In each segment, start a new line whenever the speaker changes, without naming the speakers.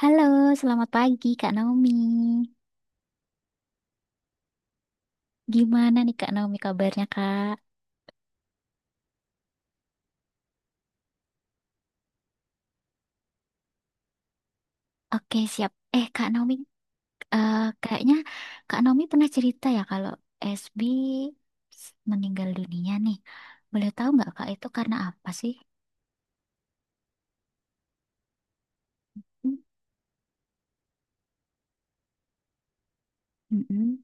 Halo, selamat pagi Kak Naomi. Gimana nih Kak Naomi kabarnya, Kak? Oke, siap. Eh Kak Naomi, kayaknya Kak Naomi pernah cerita ya kalau SB meninggal dunia nih. Boleh tahu nggak Kak itu karena apa sih? Hmm, mm-mm.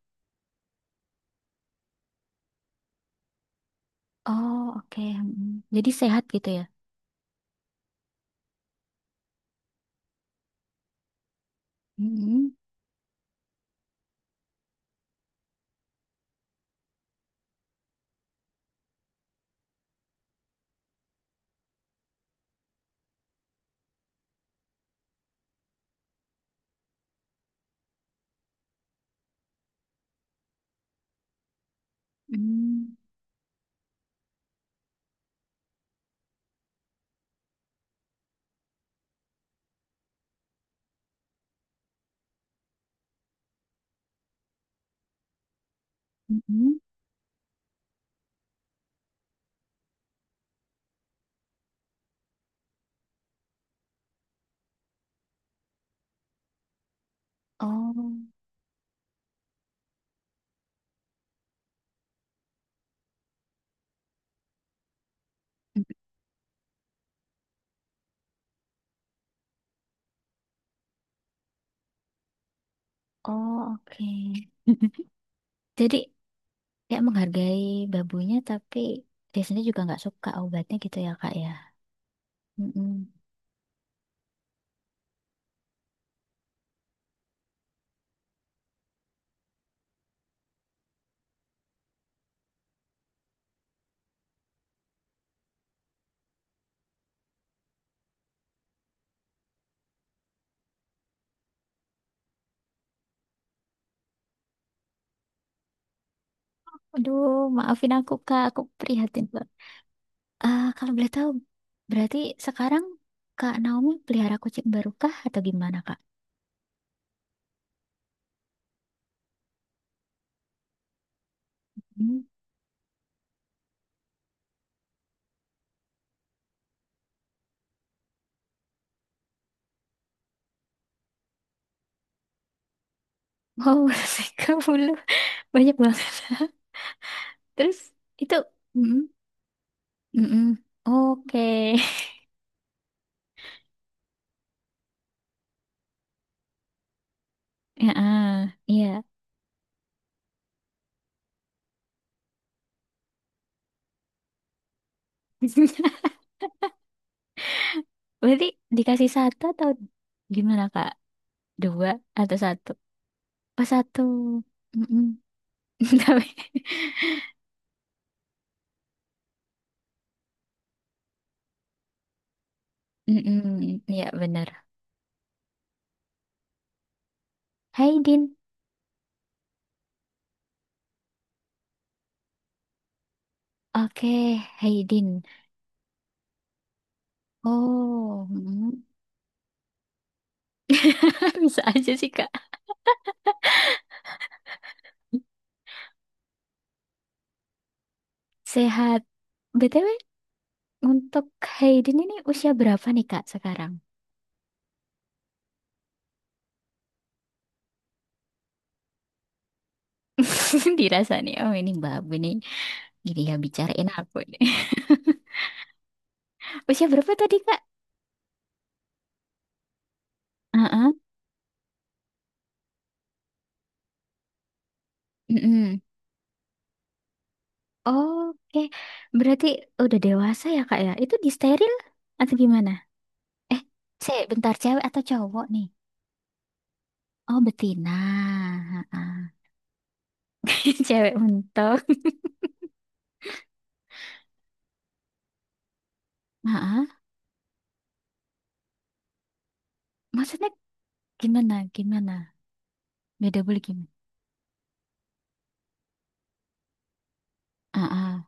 Oh, oke. Mm-mm. Jadi sehat gitu ya? Mm-mm, mm, mm-mm. Oh, mm, oh oke. Jadi ya menghargai babunya, tapi dia sendiri juga nggak suka obatnya gitu ya Kak ya. Mm-mm. Aduh, maafin aku Kak, aku prihatin banget. Ah, kalau boleh tahu berarti sekarang Kak Naomi pelihara kucing baru kah atau gimana Kak? Hmm. Wow, 30, banyak banget. Terus itu, mm-mm, mm-mm. Oke. Ya, ah, iya. Berarti dikasih satu atau gimana Kak? Dua atau satu? Pas satu. Mm-mm. Tapi, mm, ya benar. Hai Din. Oke, Hai Din. Oh, mm. Bisa aja sih Kak. Sehat. BTW, untuk Hai Din ini usia berapa nih Kak sekarang? Dirasa nih, oh ini babu nih. Gini ya bicarain aku nih. Usia berapa tadi Kak? Heeh. Mm-mm. Oke, berarti udah dewasa ya Kak ya? Itu disteril atau gimana? Eh, se bentar, cewek atau cowok nih? Oh, betina. Heeh. Cewek untuk, heeh. Maksudnya gimana? Gimana? Beda boleh gimana? Heeh.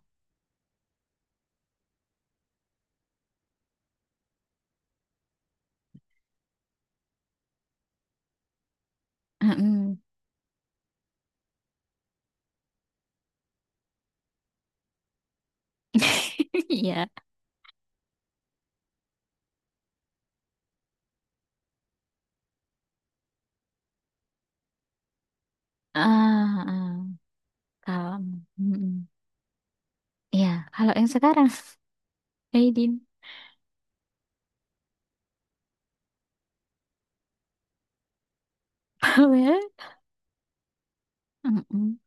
Heeh. Iya. Ah, ah. Kalau, mm. Ya, kalau yang sekarang, Aidin Powell, mm,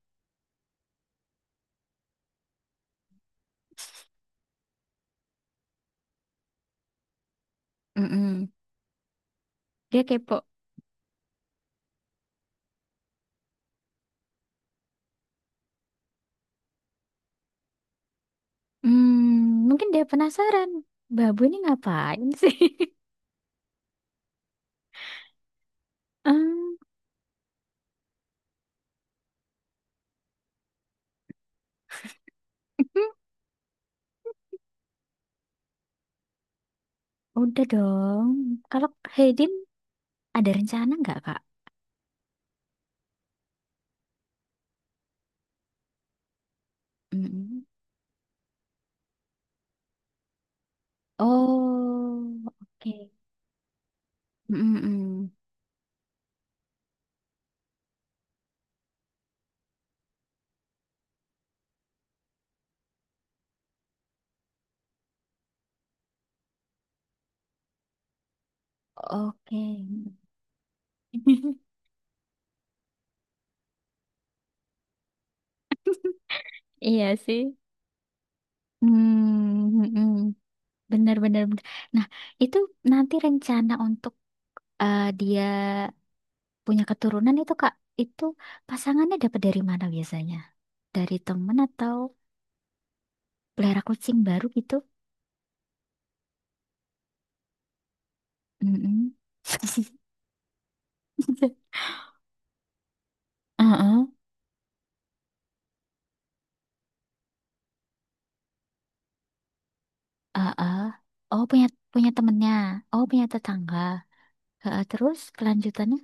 dia kepo. Hmm, mungkin dia penasaran. Babu ini ngapain sih? Hmm, udah dong. Kalau Haydin ada rencana nggak, Kak? Mm-mm. Oh, oke. Mm-mm-mm. Oke. Iya sih. Hmm, benar-benar. Nah, itu nanti rencana untuk, dia punya keturunan itu Kak, itu pasangannya dapat dari mana biasanya? Dari temen atau pelihara kucing baru gitu? Mm-mm. Heeh, heeh. Oh, punya punya temennya. Oh, punya tetangga. Heeh, terus kelanjutannya?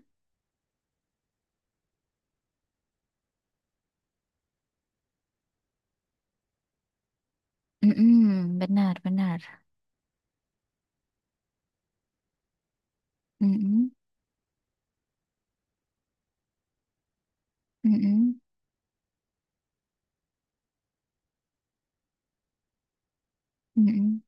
Mm-mm, benar, benar. Mm-mm, mm-mm, mm-mm.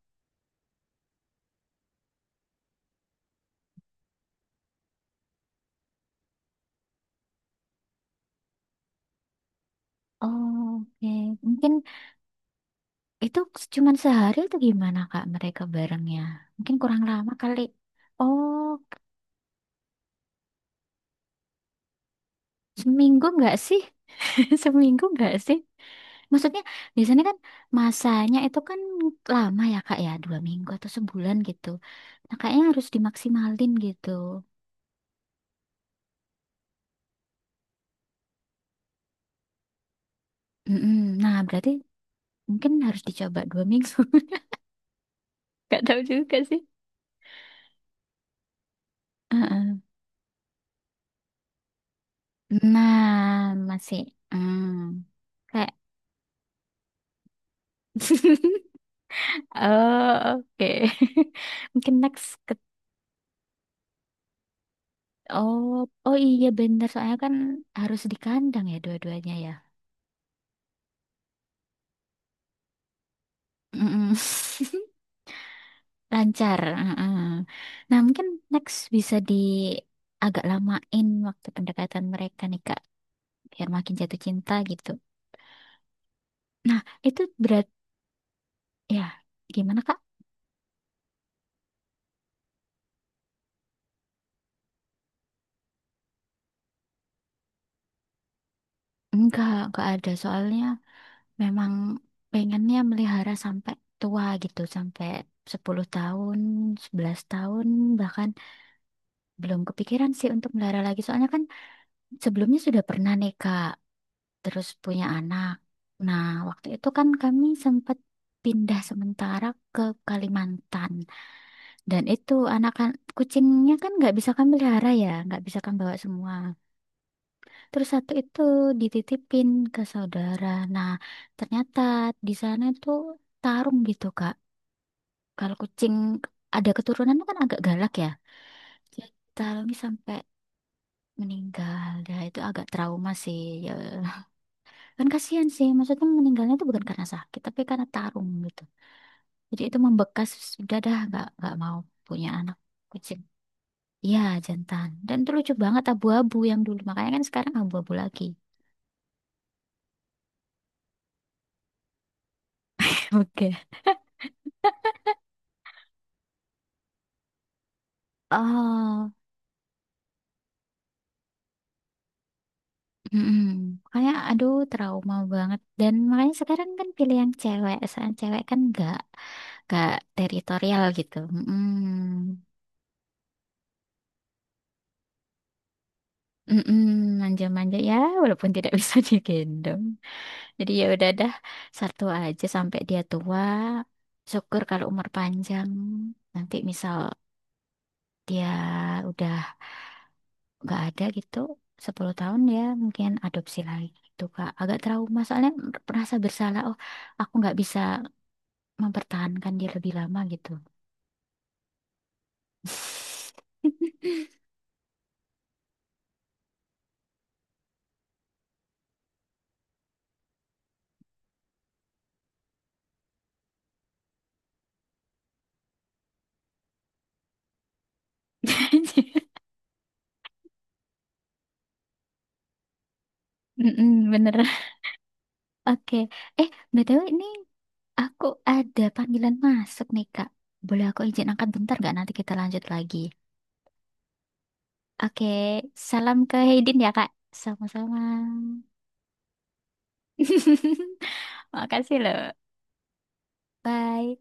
Oke, mungkin itu cuman sehari atau gimana Kak mereka barengnya? Mungkin kurang lama kali. Oh, seminggu nggak sih? Seminggu nggak sih? Maksudnya biasanya kan masanya itu kan lama ya Kak ya, 2 minggu atau sebulan gitu. Nah, kayaknya harus dimaksimalin gitu. Mm-mm. Nah, berarti mungkin harus dicoba 2 minggu. Gak tahu juga sih. Heeh. Nah, masih. Hmm, kayak. Oh, oke. Mungkin next ke... Oh, oh iya bener. Soalnya kan harus di kandang ya dua-duanya ya. Mm-mm. Lancar. Mm-mm. Nah, mungkin next bisa di agak lamain waktu pendekatan mereka nih, Kak. Biar makin jatuh cinta gitu. Nah, itu berat ya. Gimana, Kak? Enggak ada. Soalnya memang pengennya melihara sampai tua gitu, sampai 10 tahun, 11 tahun, bahkan belum kepikiran sih untuk melihara lagi. Soalnya kan sebelumnya sudah pernah nih Kak, terus punya anak. Nah, waktu itu kan kami sempat pindah sementara ke Kalimantan. Dan itu anak kan kucingnya kan nggak bisa kami pelihara ya, nggak bisa kami bawa semua. Terus satu itu dititipin ke saudara. Nah, ternyata di sana itu tarung gitu Kak. Kalau kucing ada keturunan itu kan agak galak ya. Tarungi sampai meninggal, ya itu agak trauma sih. Ya. Kan kasihan sih, maksudnya meninggalnya itu bukan karena sakit, tapi karena tarung gitu. Jadi itu membekas, sudah dah nggak mau punya anak kucing. Iya jantan. Dan itu lucu banget abu-abu yang dulu, makanya kan sekarang abu-abu lagi. Oke. Oh, mm-mm. Makanya aduh trauma banget dan makanya sekarang kan pilihan cewek soal cewek kan nggak teritorial gitu. Mm-mm. Mm-mm. Manja-manja ya walaupun tidak bisa digendong, jadi ya udah dah satu aja sampai dia tua, syukur kalau umur panjang, nanti misal dia udah nggak ada gitu 10 tahun ya mungkin adopsi lagi gitu Kak, agak trauma soalnya, merasa bersalah oh aku nggak bisa mempertahankan dia lebih lama gitu. Mm-mm, bener. Oke. Eh, BTW ini aku ada panggilan masuk nih, Kak. Boleh aku izin angkat bentar nggak? Nanti kita lanjut lagi. Oke, salam ke Haydin ya, Kak. Sama-sama. Makasih loh. Bye.